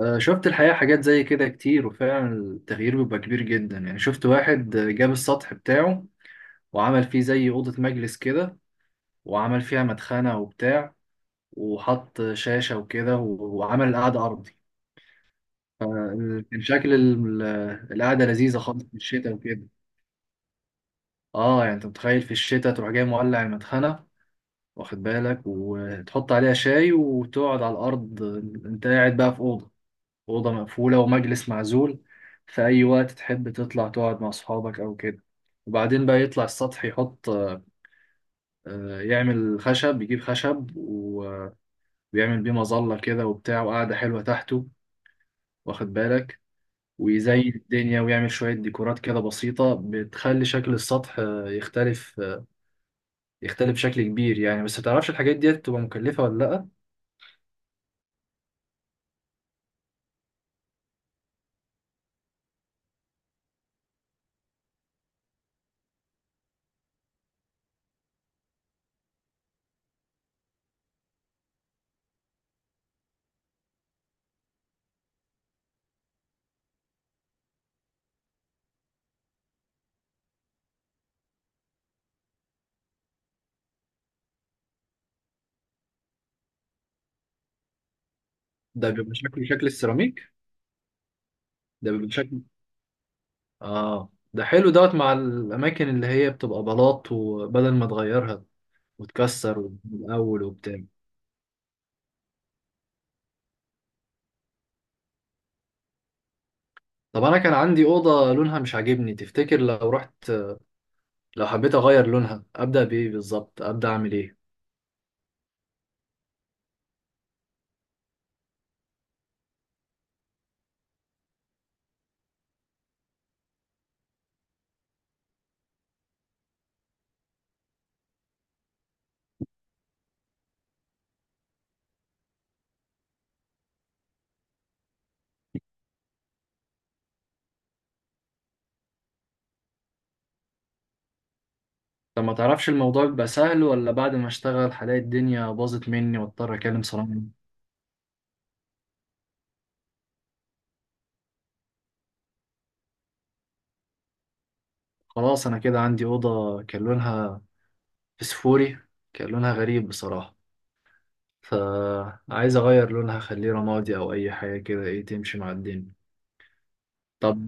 آه، شفت الحقيقة حاجات زي كده كتير، وفعلا التغيير بيبقى كبير جدا يعني. شفت واحد جاب السطح بتاعه وعمل فيه زي أوضة مجلس كده، وعمل فيها مدخنة وبتاع، وحط شاشة وكده، وعمل القعدة أرضي. فكان شكل القعدة لذيذة خالص في الشتاء وكده. اه، يعني انت متخيل في الشتاء تروح جاي مولع المدخنة، واخد بالك، وتحط عليها شاي وتقعد على الأرض. انت قاعد بقى في أوضة، أوضة مقفولة ومجلس معزول، في أي وقت تحب تطلع تقعد مع أصحابك أو كده. وبعدين بقى يطلع السطح يحط، يعمل خشب، يجيب خشب ويعمل بيه مظلة كده وبتاع وقعدة حلوة تحته، واخد بالك. ويزين الدنيا ويعمل شوية ديكورات كده بسيطة بتخلي شكل السطح يختلف، يختلف بشكل كبير يعني. بس متعرفش الحاجات دي بتبقى مكلفة ولا لأ. ده بيبقى شكل السيراميك. ده بيبقى شكل. اه، ده حلو دوت مع الاماكن اللي هي بتبقى بلاط، وبدل ما تغيرها وتكسر من الاول وبتاع. طب انا كان عندي اوضه لونها مش عاجبني، تفتكر لو رحت، لو حبيت اغير لونها، ابدا بايه بالظبط؟ ابدا اعمل ايه؟ طب ما تعرفش الموضوع بيبقى سهل، ولا بعد ما اشتغل هلاقي الدنيا باظت مني واضطر اكلم صنايعي؟ خلاص، انا كده عندي اوضه كان لونها فسفوري، كان لونها غريب بصراحه، فعايز اغير لونها، اخليه رمادي او اي حاجه كده، ايه تمشي مع الدنيا. طب.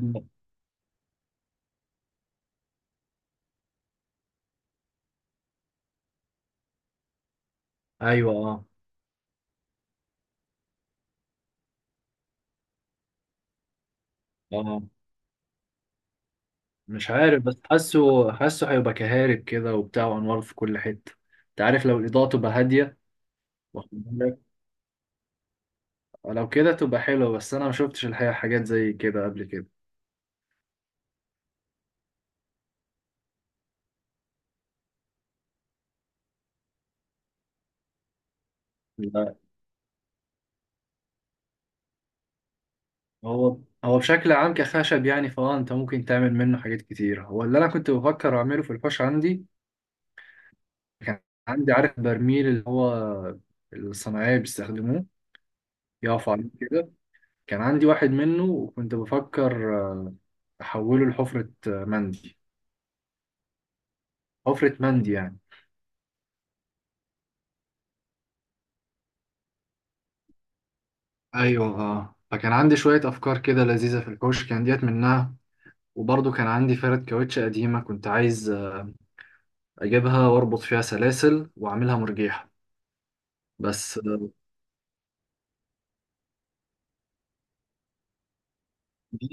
ايوه اه. اه. مش عارف بس حاسه هيبقى كهارب كده وبتاع وانوار في كل حته. انت عارف لو الاضاءه تبقى هاديه. واخد بالك. لو كده تبقى حلوه، بس انا ما شفتش الحقيقه حاجات زي كده قبل كده. لا. هو هو بشكل عام كخشب يعني، فاه انت ممكن تعمل منه حاجات كتير، هو اللي انا كنت بفكر اعمله في الحوش عندي. كان عندي، عارف، برميل اللي هو الصناعيه بيستخدموه يقفوا عليه كده. كان عندي واحد منه وكنت بفكر احوله لحفره، مندي. حفرة مندي يعني. ايوه اه، فكان عندي شوية افكار كده لذيذة في الحوش، كان ديت منها. وبرضه كان عندي فرد كاوتش قديمة، كنت عايز اجيبها واربط فيها سلاسل واعملها مرجيحة. بس دي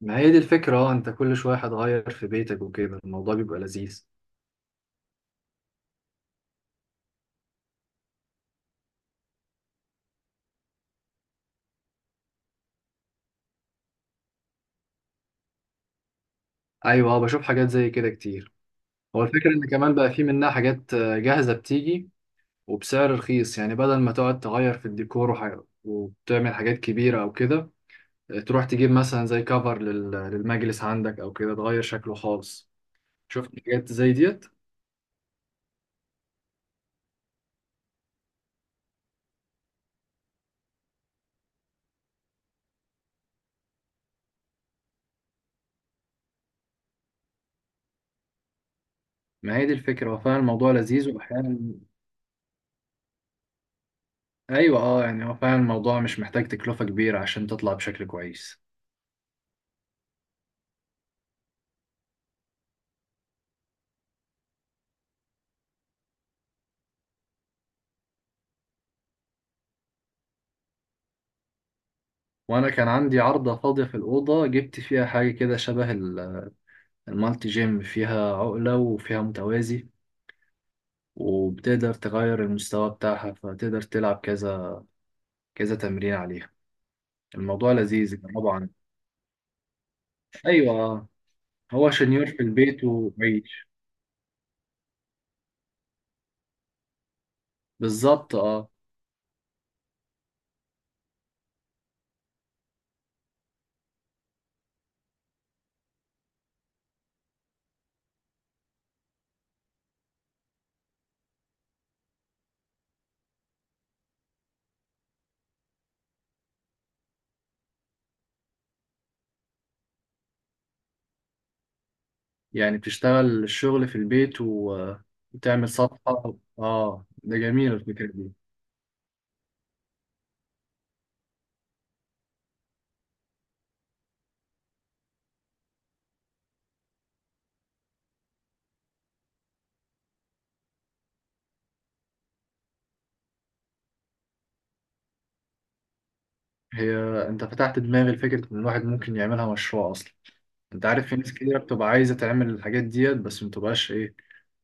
ما هي دي الفكرة، اه. انت كل شوية هتغير في بيتك وكده، الموضوع بيبقى لذيذ. ايوه اه، بشوف حاجات زي كده كتير. هو الفكرة ان كمان بقى في منها حاجات جاهزة بتيجي، وبسعر رخيص يعني. بدل ما تقعد تغير في الديكور وبتعمل حاجات كبيرة او كده، تروح تجيب مثلا زي كفر للمجلس عندك او كده تغير شكله خالص. شفت حاجات زي ديت. ما هي دي الفكرة، هو فعلا الموضوع لذيذ واحيانا. ايوه اه، يعني هو فعلا الموضوع مش محتاج تكلفة كبيرة عشان تطلع بشكل كويس. وانا كان عندي عارضة فاضية في الأوضة، جبت فيها حاجة كده شبه المالتي جيم، فيها عقلة وفيها متوازي، وبتقدر تغير المستوى بتاعها، فتقدر تلعب كذا، كذا تمرين عليها. الموضوع لذيذ طبعا. ايوه هو شنيور في البيت وبعيد. بالظبط اه. يعني بتشتغل الشغل في البيت وتعمل صفحة، اه، ده جميل الفكرة دي. هي، انت فتحت دماغي لفكرة ان الواحد ممكن يعملها مشروع اصلا. انت عارف في ناس كتير بتبقى عايزة تعمل الحاجات ديت، بس ما بتبقاش ايه،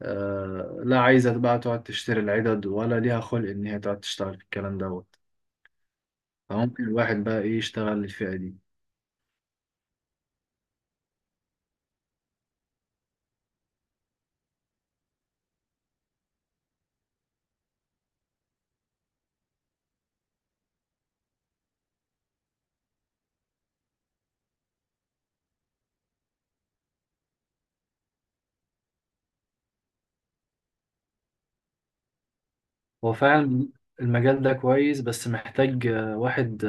لا، عايزة بقى تقعد تشتري العدد، ولا ليها خلق ان هي تقعد تشتغل في الكلام دوت. فممكن الواحد بقى ايه يشتغل للفئة دي. هو فعلا المجال ده كويس، بس محتاج واحد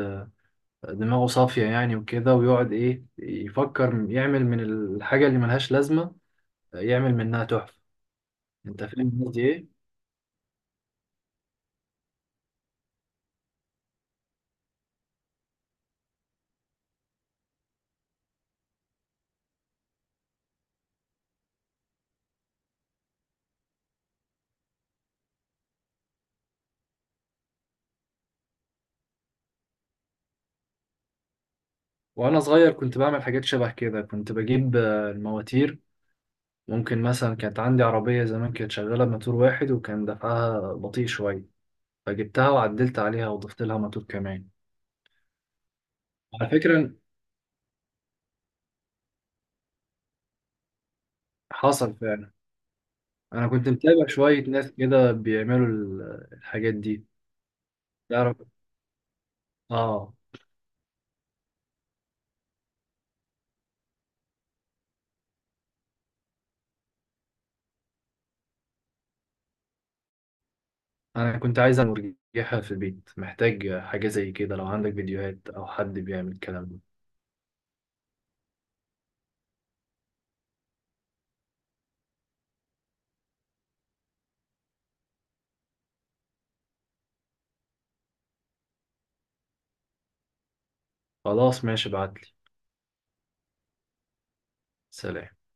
دماغه صافية يعني وكده، ويقعد، إيه، يفكر يعمل من الحاجة اللي ملهاش لازمة، يعمل منها تحفة. أنت فاهم قصدي إيه؟ وأنا صغير كنت بعمل حاجات شبه كده، كنت بجيب المواتير. ممكن مثلا كانت عندي عربية زمان كانت شغالة بموتور واحد، وكان دفعها بطيء شوية، فجبتها وعدلت عليها وضفت لها موتور كمان. على فكرة. حصل فعلا. أنا كنت متابع شوية ناس كده بيعملوا الحاجات دي، تعرف، آه. انا كنت عايز اعمل مرجحة في البيت، محتاج حاجة زي كده، لو عندك فيديوهات او حد بيعمل الكلام ده. خلاص ماشي، ابعتلي. سلام.